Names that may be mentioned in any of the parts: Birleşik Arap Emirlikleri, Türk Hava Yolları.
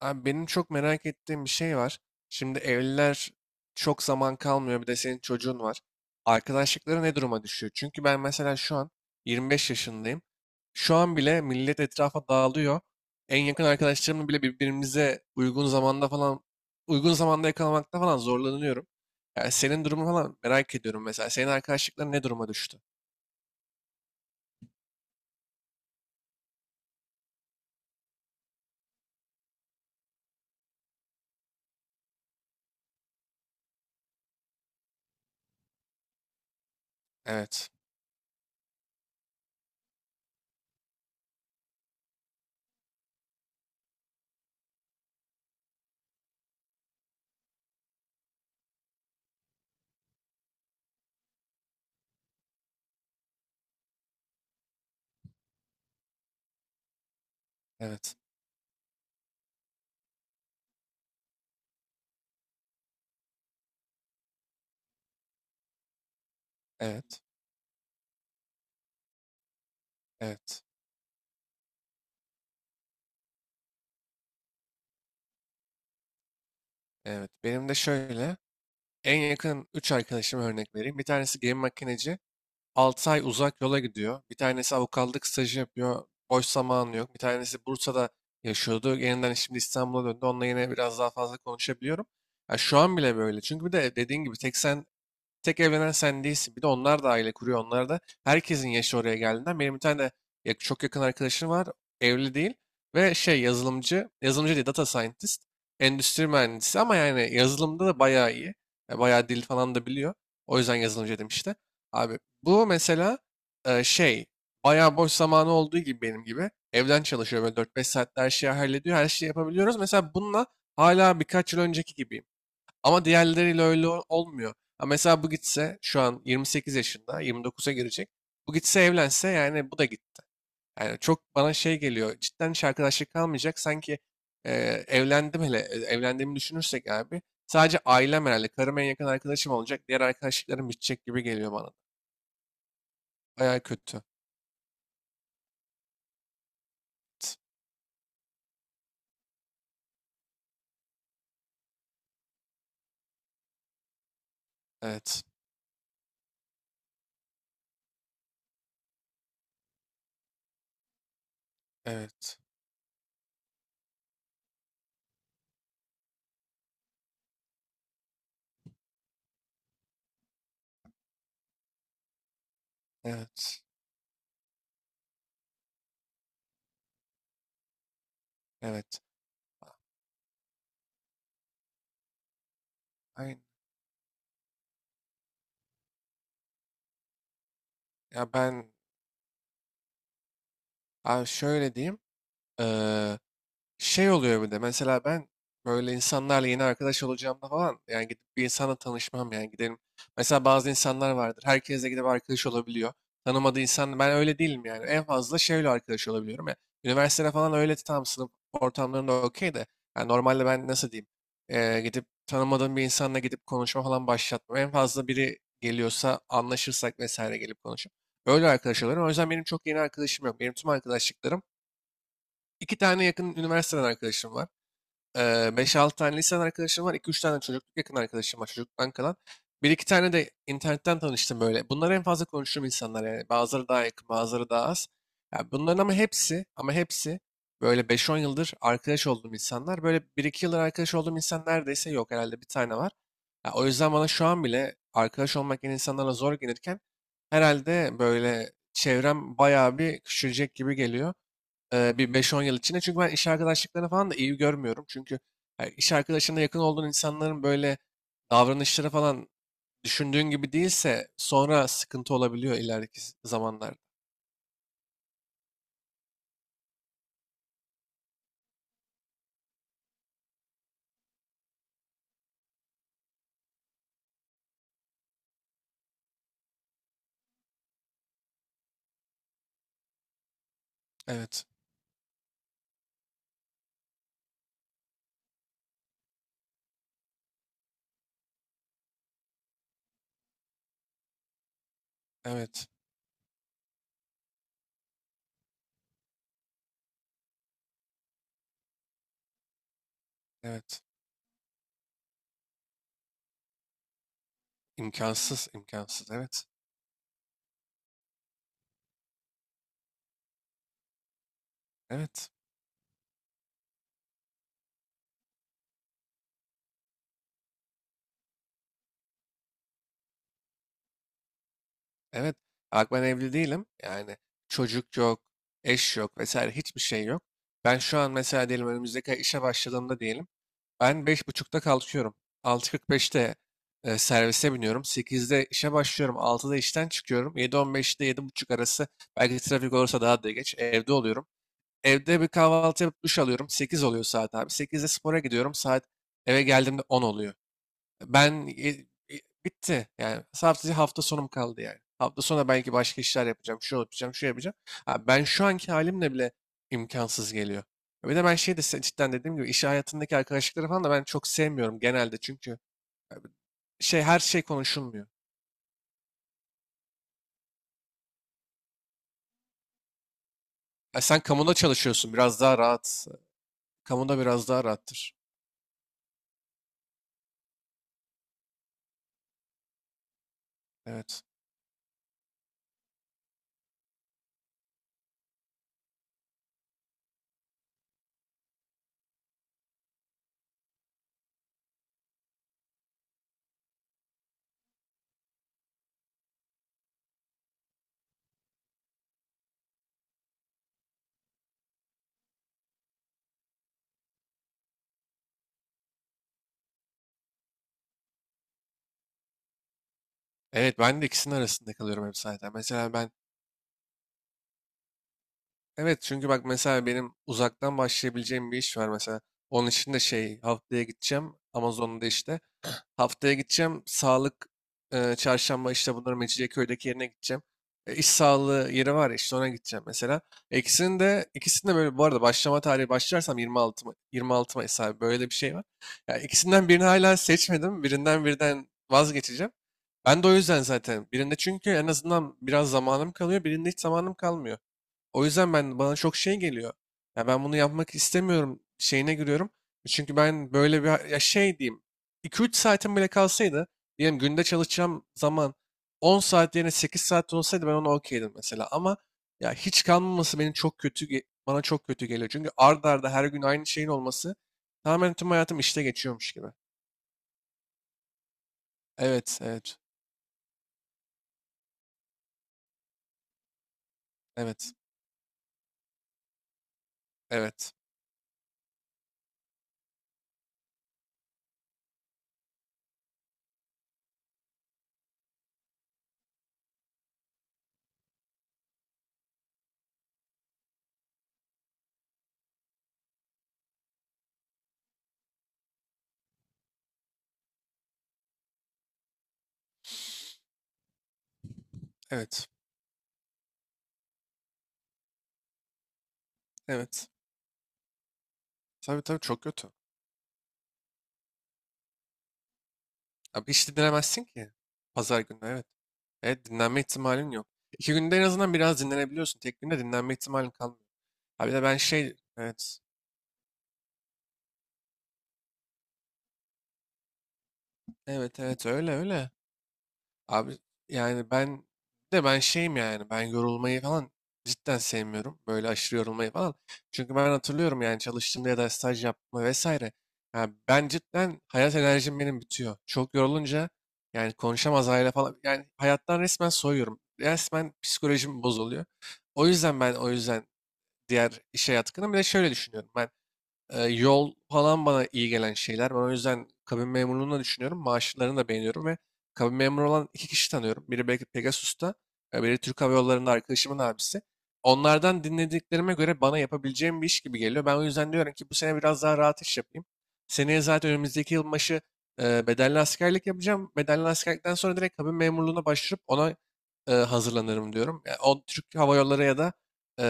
Abi benim çok merak ettiğim bir şey var. Şimdi evliler çok zaman kalmıyor. Bir de senin çocuğun var. Arkadaşlıkları ne duruma düşüyor? Çünkü ben mesela şu an 25 yaşındayım. Şu an bile millet etrafa dağılıyor. En yakın arkadaşlarımla bile birbirimize uygun zamanda falan, uygun zamanda yakalamakta falan zorlanıyorum. Yani senin durumu falan merak ediyorum mesela. Senin arkadaşlıkların ne duruma düştü? Evet, evet, evet, evet, evet. Benim de şöyle. En yakın 3 arkadaşıma örnek vereyim. Bir tanesi gemi makineci. 6 ay uzak yola gidiyor. Bir tanesi avukatlık stajı yapıyor. Boş zamanı yok. Bir tanesi Bursa'da yaşıyordu. Yeniden şimdi İstanbul'a döndü. Onunla yine biraz daha fazla konuşabiliyorum. Ya şu an bile böyle. Çünkü bir de dediğin gibi tek evlenen sen değilsin. Bir de onlar da aile kuruyor. Onlar da herkesin yaşı oraya geldiğinden. Benim bir tane de çok yakın arkadaşım var. Evli değil. Ve şey yazılımcı, yazılımcı değil data scientist, endüstri mühendisi ama yani yazılımda da bayağı iyi. Ya bayağı dil falan da biliyor. O yüzden yazılımcı dedim işte. Abi bu mesela şey bayağı boş zamanı olduğu gibi benim gibi. Evden çalışıyor böyle 4-5 saatte her şeyi hallediyor. Her şeyi yapabiliyoruz. Mesela bununla hala birkaç yıl önceki gibi ama diğerleriyle öyle olmuyor. Ha mesela bu gitse şu an 28 yaşında, 29'a girecek. Bu gitse evlense yani bu da gitti. Yani çok bana şey geliyor. Cidden hiç arkadaşlık kalmayacak. Sanki e, evlendim hele evlendiğimi düşünürsek abi. Sadece ailem herhalde. Karım en yakın arkadaşım olacak. Diğer arkadaşlıklarım bitecek gibi geliyor bana. Baya kötü. Evet. Evet. Evet. Evet. Aynen. Ya ben abi şöyle diyeyim. Eee Şey oluyor bir de mesela ben böyle insanlarla yeni arkadaş olacağımda falan yani gidip bir insanla tanışmam yani gidelim. Mesela bazı insanlar vardır herkesle gidip arkadaş olabiliyor. Tanımadığı insan ben öyle değilim yani en fazla şeyle arkadaş olabiliyorum ya. Üniversitede falan öyle tam sınıf ortamlarında okey de yani normalde ben nasıl diyeyim gidip tanımadığım bir insanla gidip konuşma falan başlatmam. En fazla biri geliyorsa anlaşırsak vesaire gelip konuşup öyle arkadaş oluyorum. O yüzden benim çok yeni arkadaşım yok. Benim tüm arkadaşlıklarım iki tane yakın üniversiteden arkadaşım var. Eee, 5-6 tane liseden arkadaşım var. İki üç tane çocukluk yakın arkadaşım var çocukluktan kalan. Bir iki tane de internetten tanıştım böyle. Bunlar en fazla konuştuğum insanlar yani. Bazıları daha yakın, bazıları daha az. Ya bunların ama hepsi böyle beş on yıldır arkadaş olduğum insanlar. Böyle bir iki yıldır arkadaş olduğum insan neredeyse yok. Herhalde bir tane var. Ya o yüzden bana şu an bile arkadaş olmak yeni insanlara zor gelirken herhalde böyle çevrem bayağı bir küçülecek gibi geliyor. Bir beş-on yıl içinde. Çünkü ben iş arkadaşlıklarını falan da iyi görmüyorum. Çünkü yani iş arkadaşına yakın olduğun insanların böyle davranışları falan düşündüğün gibi değilse sonra sıkıntı olabiliyor ileriki zamanlarda. Evet, evet, evet. İmkansız, imkansız. Evet, evet, evet. Bak ben evli değilim. Yani çocuk yok, eş yok vesaire hiçbir şey yok. Ben şu an mesela diyelim önümüzdeki ay işe başladığımda diyelim. Ben 5:30'ta kalkıyorum. 6.45'te servise biniyorum. 8'de işe başlıyorum. 6'da işten çıkıyorum. 7:15'te 7:30 arası belki trafik olursa daha da geç evde oluyorum. Evde bir kahvaltı yapıp duş alıyorum. 8 oluyor saat abi. 8'de spora gidiyorum. Saat eve geldiğimde 10 oluyor. Ben bitti. Yani sadece hafta sonum kaldı yani. Hafta sonu belki başka işler yapacağım. Şu yapacağım, şu yapacağım. Ha, ben şu anki halimle bile imkansız geliyor. Bir de ben şey de cidden dediğim gibi iş hayatındaki arkadaşlıkları falan da ben çok sevmiyorum genelde. Çünkü e, şey her şey konuşulmuyor. Ya sen kamuda çalışıyorsun biraz daha rahat. Kamuda biraz daha rahattır. Evet. Evet ben de ikisinin arasında kalıyorum hep zaten. Mesela ben Evet, çünkü bak mesela benim uzaktan başlayabileceğim bir iş var mesela. Onun için de şey haftaya gideceğim Amazon'da işte. Haftaya gideceğim sağlık çarşamba işte bunların Mecidiyeköy'deki yerine gideceğim. İş sağlığı yeri var ya, işte ona gideceğim mesela. İkisinin de böyle bu arada başlama tarihi başlarsam 26 Mayıs abi böyle de bir şey var. Ya ikisinden birini hala seçmedim. Birinden birden vazgeçeceğim. Ben de o yüzden zaten birinde çünkü en azından biraz zamanım kalıyor, birinde hiç zamanım kalmıyor. O yüzden ben bana çok şey geliyor. Ya ben bunu yapmak istemiyorum şeyine giriyorum. Çünkü ben böyle bir ya şey diyeyim 2-3 saatim bile kalsaydı diyelim günde çalışacağım zaman 10 saat yerine 8 saat olsaydı ben ona okeydim mesela ama ya hiç kalmaması benim çok kötü bana çok kötü geliyor. Çünkü ard arda her gün aynı şeyin olması tamamen tüm hayatım işte geçiyormuş gibi. Evet, evet, evet, evet, evet, evet. Tabii tabii çok kötü. Abi hiç dinlemezsin ki. Pazar günü evet. Evet dinlenme ihtimalin yok. 2 günde en azından biraz dinlenebiliyorsun. Tek günde dinlenme ihtimalin kalmıyor. Abi de ben şey evet. Evet evet öyle öyle. Abi yani ben de ben şeyim yani ben yorulmayı falan cidden sevmiyorum. Böyle aşırı yorulmayı falan. Çünkü ben hatırlıyorum yani çalıştığımda ya da staj yapma vesaire. Yani ben cidden hayat enerjim benim bitiyor. Çok yorulunca yani konuşamaz hale falan. Yani hayattan resmen soyuyorum. Resmen psikolojim bozuluyor. O yüzden diğer iş hayatı hakkında. Bir de şöyle düşünüyorum ben. Yol falan bana iyi gelen şeyler. Ben o yüzden kabin memurluğunu da düşünüyorum. Maaşlarını da beğeniyorum ve kabin memuru olan iki kişi tanıyorum. Biri belki Pegasus'ta, biri Türk Hava Yolları'nda arkadaşımın abisi. Onlardan dinlediklerime göre bana yapabileceğim bir iş gibi geliyor. Ben o yüzden diyorum ki bu sene biraz daha rahat iş yapayım. Seneye zaten önümüzdeki yılbaşı bedelli askerlik yapacağım. Bedelli askerlikten sonra direkt kabin memurluğuna başvurup ona hazırlanırım diyorum. Yani o Türk Hava Yolları ya da e,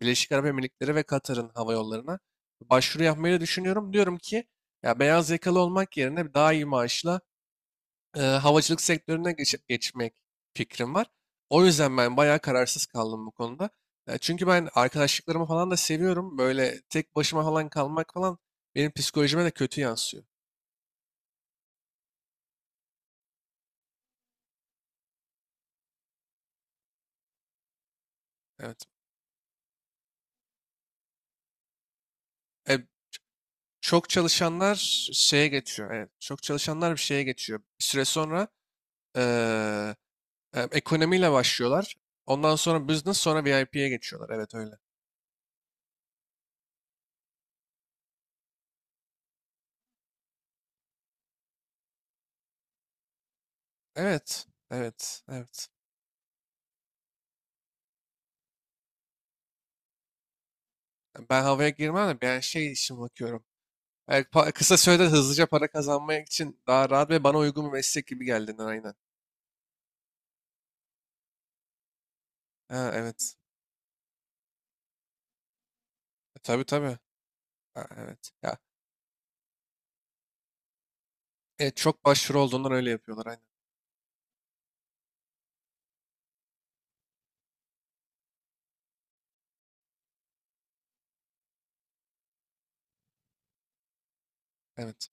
Birleşik Arap Emirlikleri ve Katar'ın hava yollarına başvuru yapmayı da düşünüyorum. Diyorum ki ya beyaz yakalı olmak yerine daha iyi maaşla havacılık sektörüne geçmek fikrim var. O yüzden ben bayağı kararsız kaldım bu konuda. Ya çünkü ben arkadaşlıklarımı falan da seviyorum. Böyle tek başıma falan kalmak falan benim psikolojime de kötü yansıyor. Evet. E, Çok çalışanlar şeye geçiyor. Evet, çok çalışanlar bir şeye geçiyor. Bir süre sonra eee, ekonomiyle başlıyorlar. Ondan sonra business sonra VIP'ye geçiyorlar. Evet öyle. Evet, evet, evet. Ben havaya girmem de ben şey için bakıyorum. Yani kısa sürede hızlıca para kazanmak için daha rahat ve bana uygun bir meslek gibi geldiğinden aynen. Ha, evet. Tabii tabii. Ha, evet. Ya, evet, çok başvuru olduğundan öyle yapıyorlar aynen. Evet.